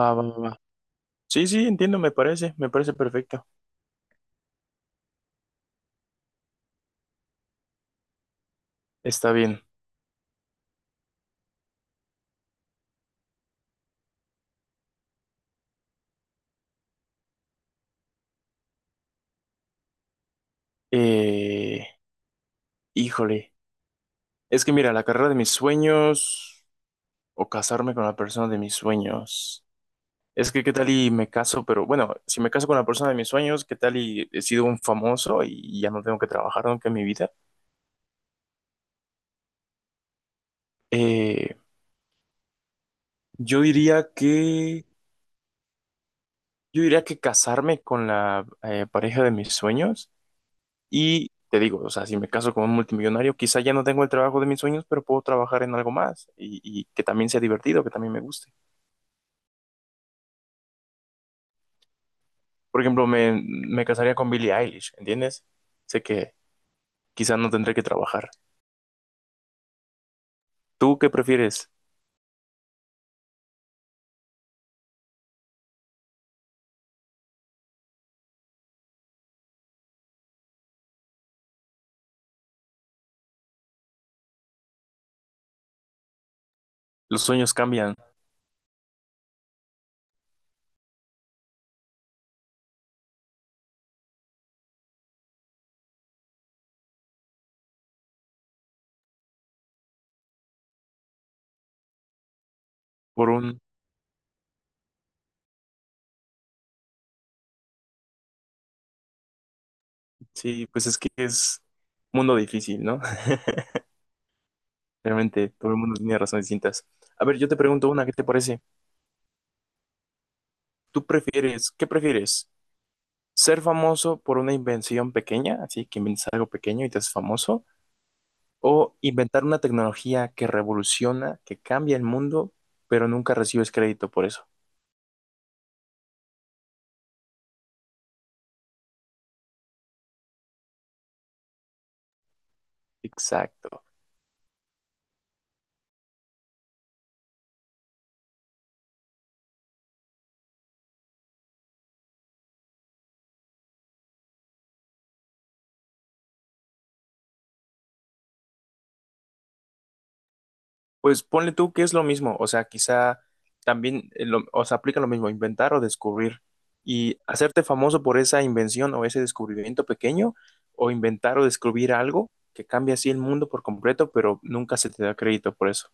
Va, va, va. Sí, sí, entiendo, me parece perfecto. Está bien. Eh, híjole, es que mira, la carrera de mis sueños o casarme con la persona de mis sueños. Es que qué tal y me caso, pero bueno, si me caso con la persona de mis sueños, qué tal y he sido un famoso y ya no tengo que trabajar nunca en mi vida. Eh, yo diría que, yo diría que casarme con la pareja de mis sueños. Y te digo, o sea, si me caso con un multimillonario, quizá ya no tengo el trabajo de mis sueños, pero puedo trabajar en algo más y que también sea divertido, que también me guste. Por ejemplo, me casaría con Billie Eilish, ¿entiendes? Sé que quizá no tendré que trabajar. ¿Tú qué prefieres? Los sueños cambian por un. Sí, pues es que es mundo difícil, ¿no? Realmente todo el mundo tiene razones distintas. A ver, yo te pregunto una, ¿qué te parece? ¿Qué prefieres? ¿Ser famoso por una invención pequeña? Así que inventas algo pequeño y te haces famoso. O inventar una tecnología que revoluciona, que cambia el mundo, pero nunca recibes crédito por eso. Exacto. Pues ponle tú que es lo mismo, o sea, quizá también, o sea, aplica lo mismo, inventar o descubrir y hacerte famoso por esa invención o ese descubrimiento pequeño, o inventar o descubrir algo que cambia así el mundo por completo, pero nunca se te da crédito por eso.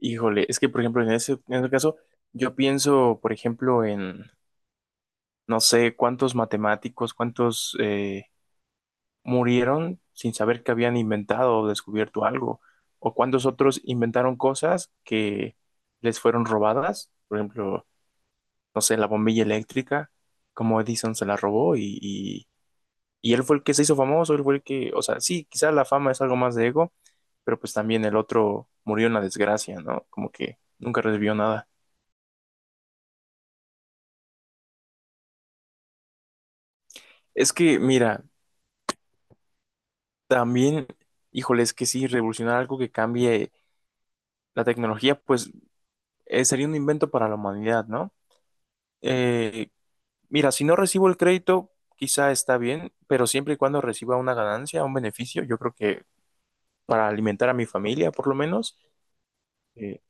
Híjole, es que por ejemplo, en ese caso, yo pienso, por ejemplo, en, no sé, cuántos matemáticos, cuántos, murieron sin saber que habían inventado o descubierto algo, o cuántos otros inventaron cosas que les fueron robadas, por ejemplo, no sé, la bombilla eléctrica, como Edison se la robó y él fue el que se hizo famoso, él fue el que, o sea, sí, quizás la fama es algo más de ego, pero pues también el otro murió en la desgracia, ¿no? Como que nunca recibió nada. Es que, mira, también, híjole, es que sí, revolucionar algo que cambie la tecnología, pues sería un invento para la humanidad, ¿no? Eh, Mira, si no recibo el crédito, quizá está bien, pero siempre y cuando reciba una ganancia, un beneficio, yo creo que para alimentar a mi familia, por lo menos. eh,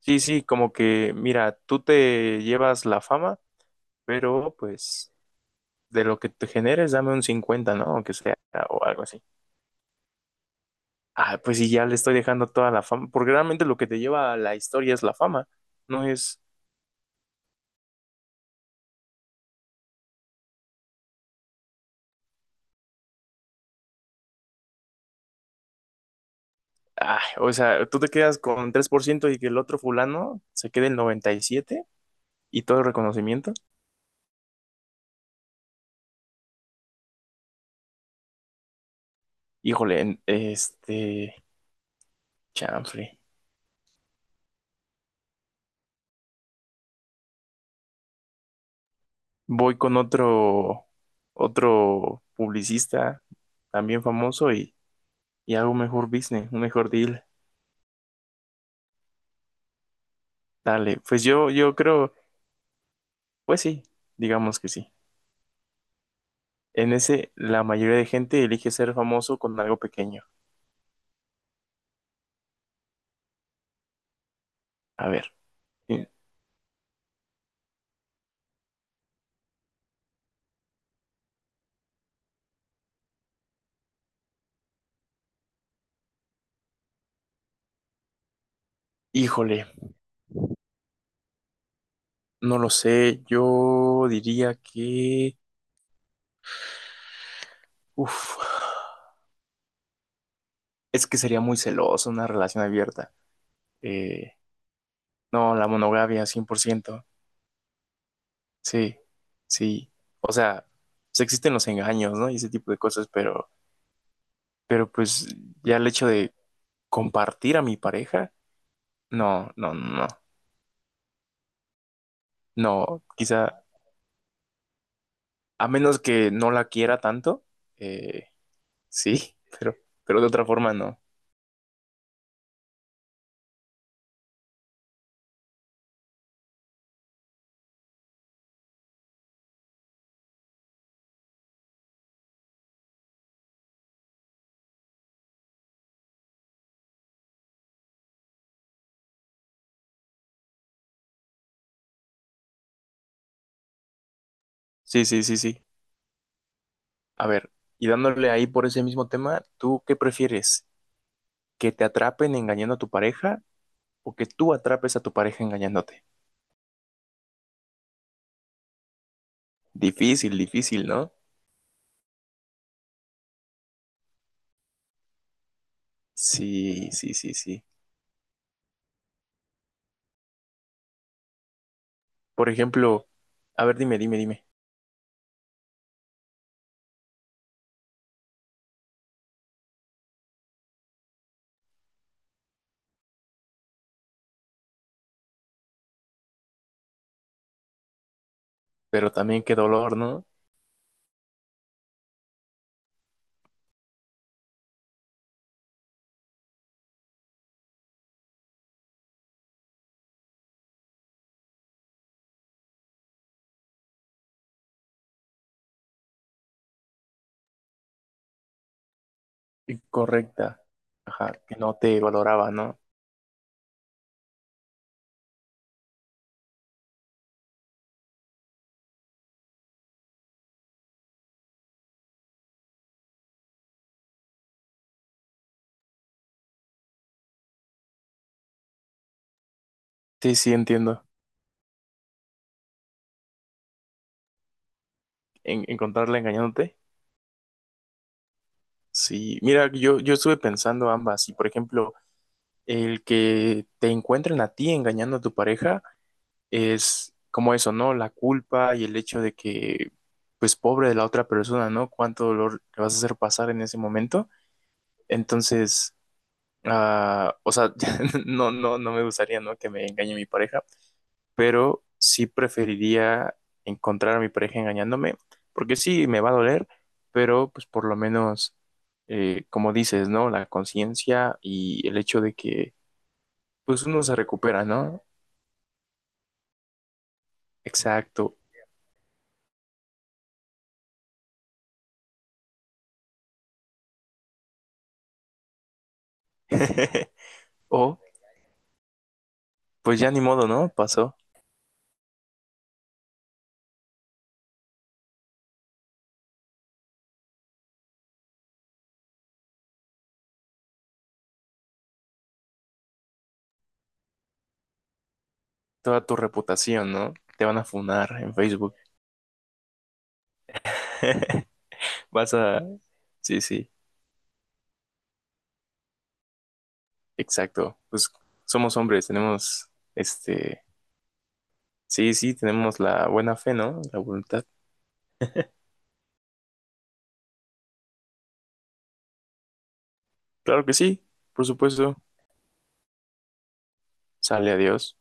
sí, sí, como que, mira, tú te llevas la fama, pero pues de lo que te generes, dame un 50, ¿no? Aunque sea, o algo así. Ah, pues sí, ya le estoy dejando toda la fama, porque realmente lo que te lleva a la historia es la fama, no es... Ah, o sea, tú te quedas con 3% y que el otro fulano se quede el 97% y 7% y todo el reconocimiento. Híjole, este, chanfle. Voy con otro publicista también famoso y hago un mejor business, un mejor deal. Dale, pues yo creo, pues sí, digamos que sí. En ese, la mayoría de gente elige ser famoso con algo pequeño. A ver, hí- híjole, no lo sé, yo diría que, uf, es que sería muy celoso una relación abierta. Eh, no, la monogamia, 100%. Sí, sí. O sea, pues existen los engaños, ¿no? Y ese tipo de cosas, pero pues ya el hecho de compartir a mi pareja, no, no, no, no, quizá, a menos que no la quiera tanto, eh, sí, pero de otra forma no. Sí, sí, sí, sí. A ver, y dándole ahí por ese mismo tema, ¿tú qué prefieres? ¿Que te atrapen engañando a tu pareja o que tú atrapes a tu pareja engañándote? Difícil, difícil, ¿no? Sí, sí, sí, sí. Por ejemplo, a ver, dime, dime, dime. Pero también qué dolor, ¿no? Incorrecta. Ajá, que no te valoraba, ¿no? Sí, sí, entiendo. Encontrarla engañándote. Sí, mira, yo estuve pensando ambas. Y por ejemplo, el que te encuentren a ti engañando a tu pareja es como eso, ¿no? La culpa y el hecho de que, pues, pobre de la otra persona, ¿no? Cuánto dolor le vas a hacer pasar en ese momento. Entonces, ah, o sea, no, no, no me gustaría, ¿no? Que me engañe mi pareja pero sí preferiría encontrar a mi pareja engañándome, porque sí, me va a doler, pero pues por lo menos, como dices, ¿no? La conciencia y el hecho de que pues uno se recupera, ¿no? Exacto. O pues ya ni modo, ¿no? Pasó toda tu reputación, ¿no? Te van a funar en Facebook. Vas a. Sí, sí, exacto. Pues somos hombres, tenemos, este, sí, sí, tenemos la buena fe, ¿no? La voluntad. Claro que sí, por supuesto. Sale, adiós.